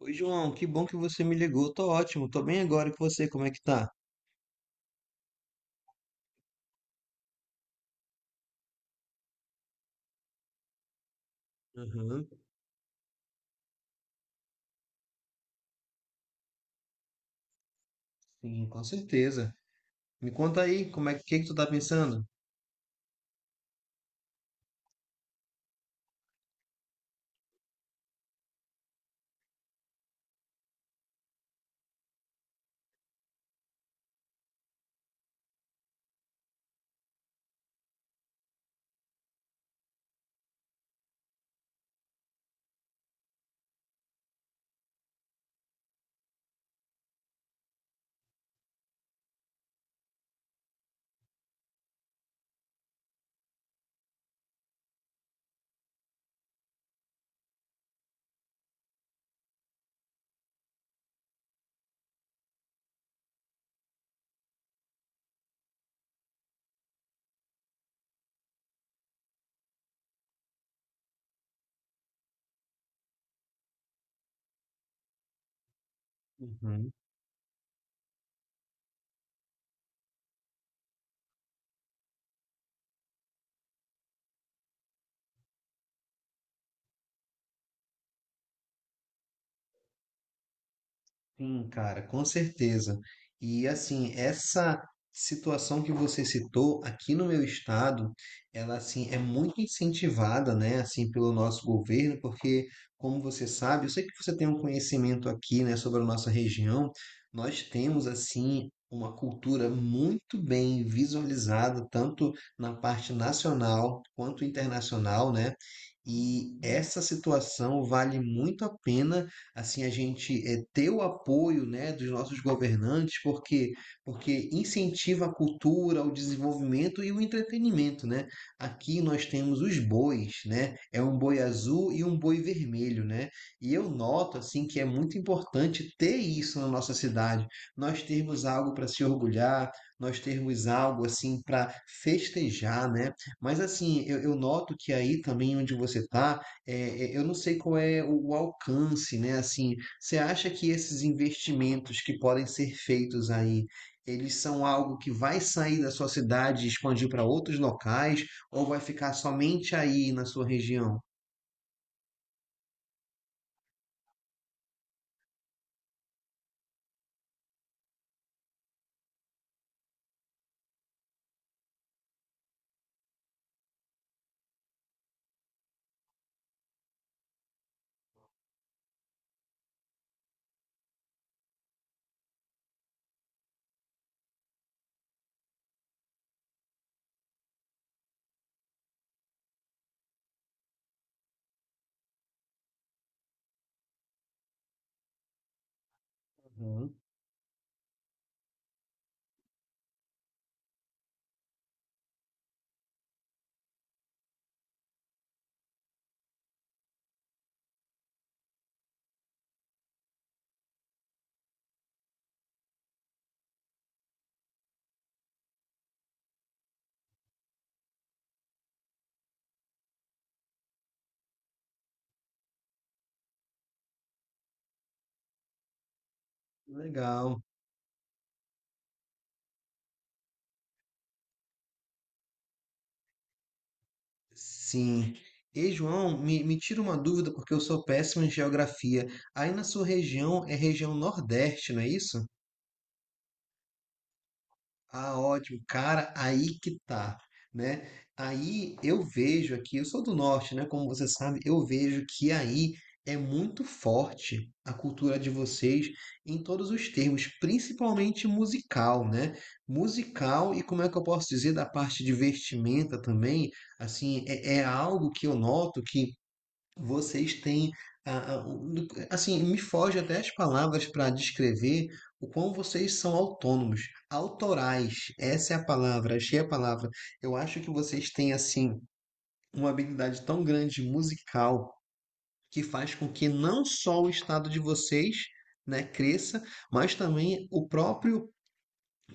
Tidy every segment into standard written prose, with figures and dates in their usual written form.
Oi, João, que bom que você me ligou. Tô ótimo, tô bem agora e com você, como é que tá? Aham, sim, com certeza. Me conta aí, como é que, que tu tá pensando? Sim, cara, com certeza. E assim, essa situação que você citou aqui no meu estado, ela assim é muito incentivada, né, assim pelo nosso governo, porque como você sabe, eu sei que você tem um conhecimento aqui, né, sobre a nossa região, nós temos assim uma cultura muito bem visualizada tanto na parte nacional quanto internacional, né? E essa situação vale muito a pena assim a gente ter o apoio, né, dos nossos governantes, porque incentiva a cultura, o desenvolvimento e o entretenimento, né? Aqui nós temos os bois, né? É um boi azul e um boi vermelho, né? E eu noto assim que é muito importante ter isso na nossa cidade. Nós temos algo para se orgulhar, nós termos algo assim para festejar, né? Mas assim, eu noto que aí também onde você está é, eu não sei qual é o alcance, né? Assim, você acha que esses investimentos que podem ser feitos aí, eles são algo que vai sair da sua cidade e expandir para outros locais, ou vai ficar somente aí na sua região? Uhum, legal. Sim. E João, me tira uma dúvida, porque eu sou péssimo em geografia. Aí na sua região é região Nordeste, não é isso? Ah, ótimo. Cara, aí que tá, né? Aí eu vejo aqui, eu sou do norte, né? Como você sabe, eu vejo que aí é muito forte a cultura de vocês em todos os termos, principalmente musical, né? Musical. E como é que eu posso dizer da parte de vestimenta também, assim, é algo que eu noto que vocês têm, a- a- um- assim, me foge até as palavras para descrever o quão vocês são autônomos, autorais. Essa é a palavra, achei a palavra. Eu acho que vocês têm, assim, uma habilidade tão grande musical que faz com que não só o estado de vocês, né, cresça, mas também o próprio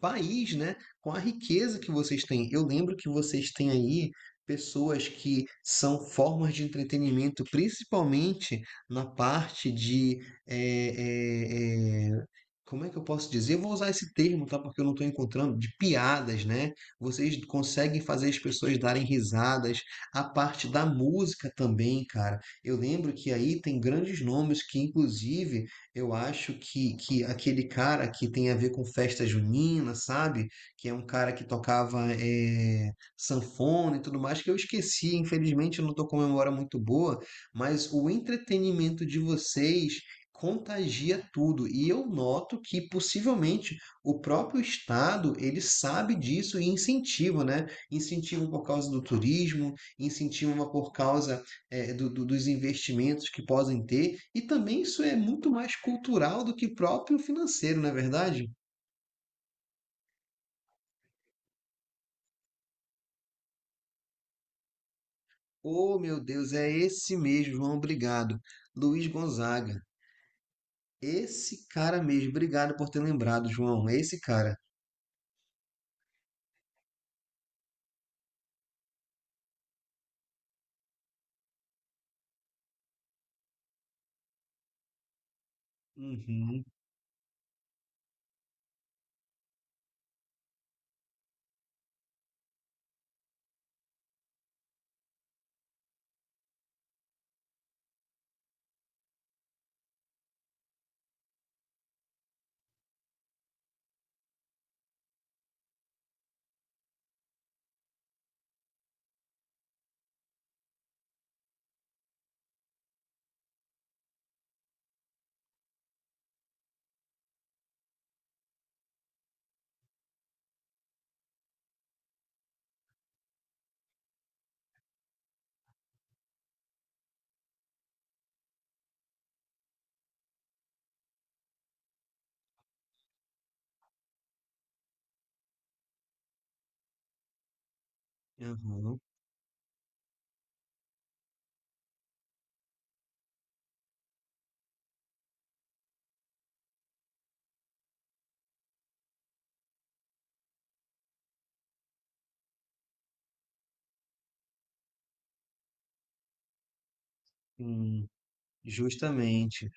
país, né, com a riqueza que vocês têm. Eu lembro que vocês têm aí pessoas que são formas de entretenimento, principalmente na parte de. eh, eh, eh, Como é que eu posso dizer? Eu vou usar esse termo, tá? Porque eu não estou encontrando, de piadas, né? Vocês conseguem fazer as pessoas darem risadas, a parte da música também, cara. Eu lembro que aí tem grandes nomes que, inclusive, eu acho que aquele cara que tem a ver com festa junina, sabe? Que é um cara que tocava sanfona e tudo mais, que eu esqueci, infelizmente eu não estou com memória muito boa, mas o entretenimento de vocês contagia tudo. E eu noto que possivelmente o próprio Estado, ele sabe disso e incentiva, né? Incentiva por causa do turismo, incentiva por causa dos investimentos que podem ter, e também isso é muito mais cultural do que próprio financeiro, não é verdade? Oh, meu Deus, é esse mesmo, João, obrigado. Luiz Gonzaga, esse cara mesmo, obrigado por ter lembrado, João, é esse cara. Uhum, uhum, hum, justamente.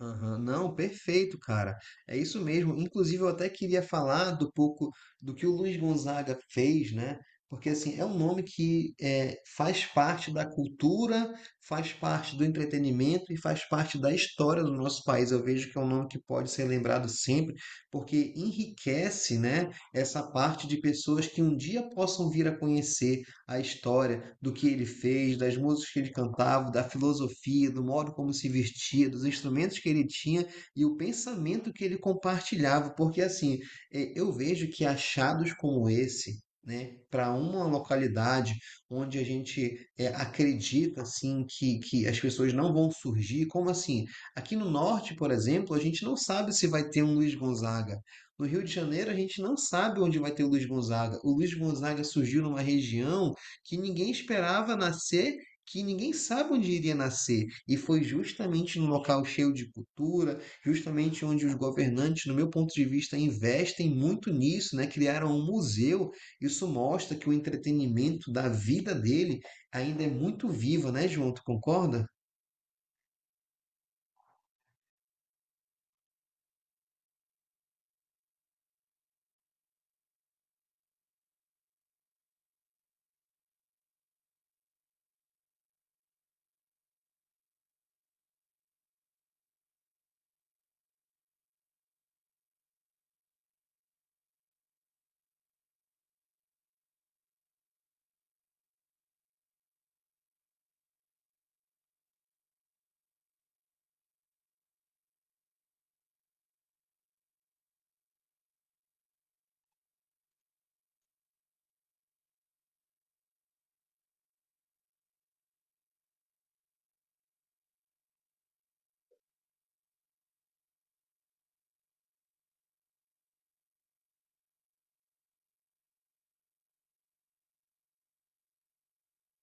Aham, não, perfeito, cara. É isso mesmo. Inclusive, eu até queria falar do pouco do que o Luiz Gonzaga fez, né? Porque assim, é um nome que faz parte da cultura, faz parte do entretenimento e faz parte da história do nosso país. Eu vejo que é um nome que pode ser lembrado sempre, porque enriquece, né, essa parte de pessoas que um dia possam vir a conhecer, a história do que ele fez, das músicas que ele cantava, da filosofia, do modo como se vestia, dos instrumentos que ele tinha e o pensamento que ele compartilhava, porque assim, eu vejo que achados como esse, né, para uma localidade onde a gente acredita assim que as pessoas não vão surgir, como assim? Aqui no norte, por exemplo, a gente não sabe se vai ter um Luiz Gonzaga. No Rio de Janeiro, a gente não sabe onde vai ter o Luiz Gonzaga. O Luiz Gonzaga surgiu numa região que ninguém esperava nascer, que ninguém sabe onde iria nascer. E foi justamente num local cheio de cultura, justamente onde os governantes, no meu ponto de vista, investem muito nisso, né? Criaram um museu. Isso mostra que o entretenimento da vida dele ainda é muito vivo, né, João? Tu concorda?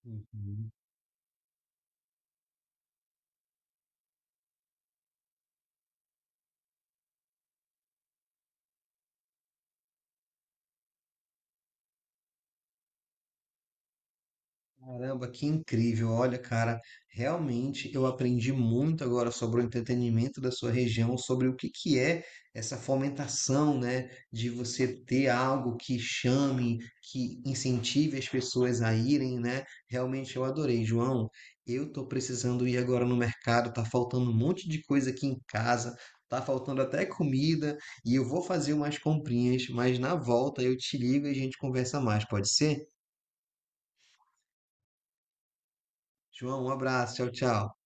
Uhum. Caramba, que incrível! Olha, cara, realmente eu aprendi muito agora sobre o entretenimento da sua região, sobre o que é essa fomentação, né, de você ter algo que chame, que incentive as pessoas a irem, né? Realmente eu adorei, João. Eu tô precisando ir agora no mercado, tá faltando um monte de coisa aqui em casa, tá faltando até comida, e eu vou fazer umas comprinhas, mas na volta eu te ligo e a gente conversa mais, pode ser? João, um abraço, tchau, tchau.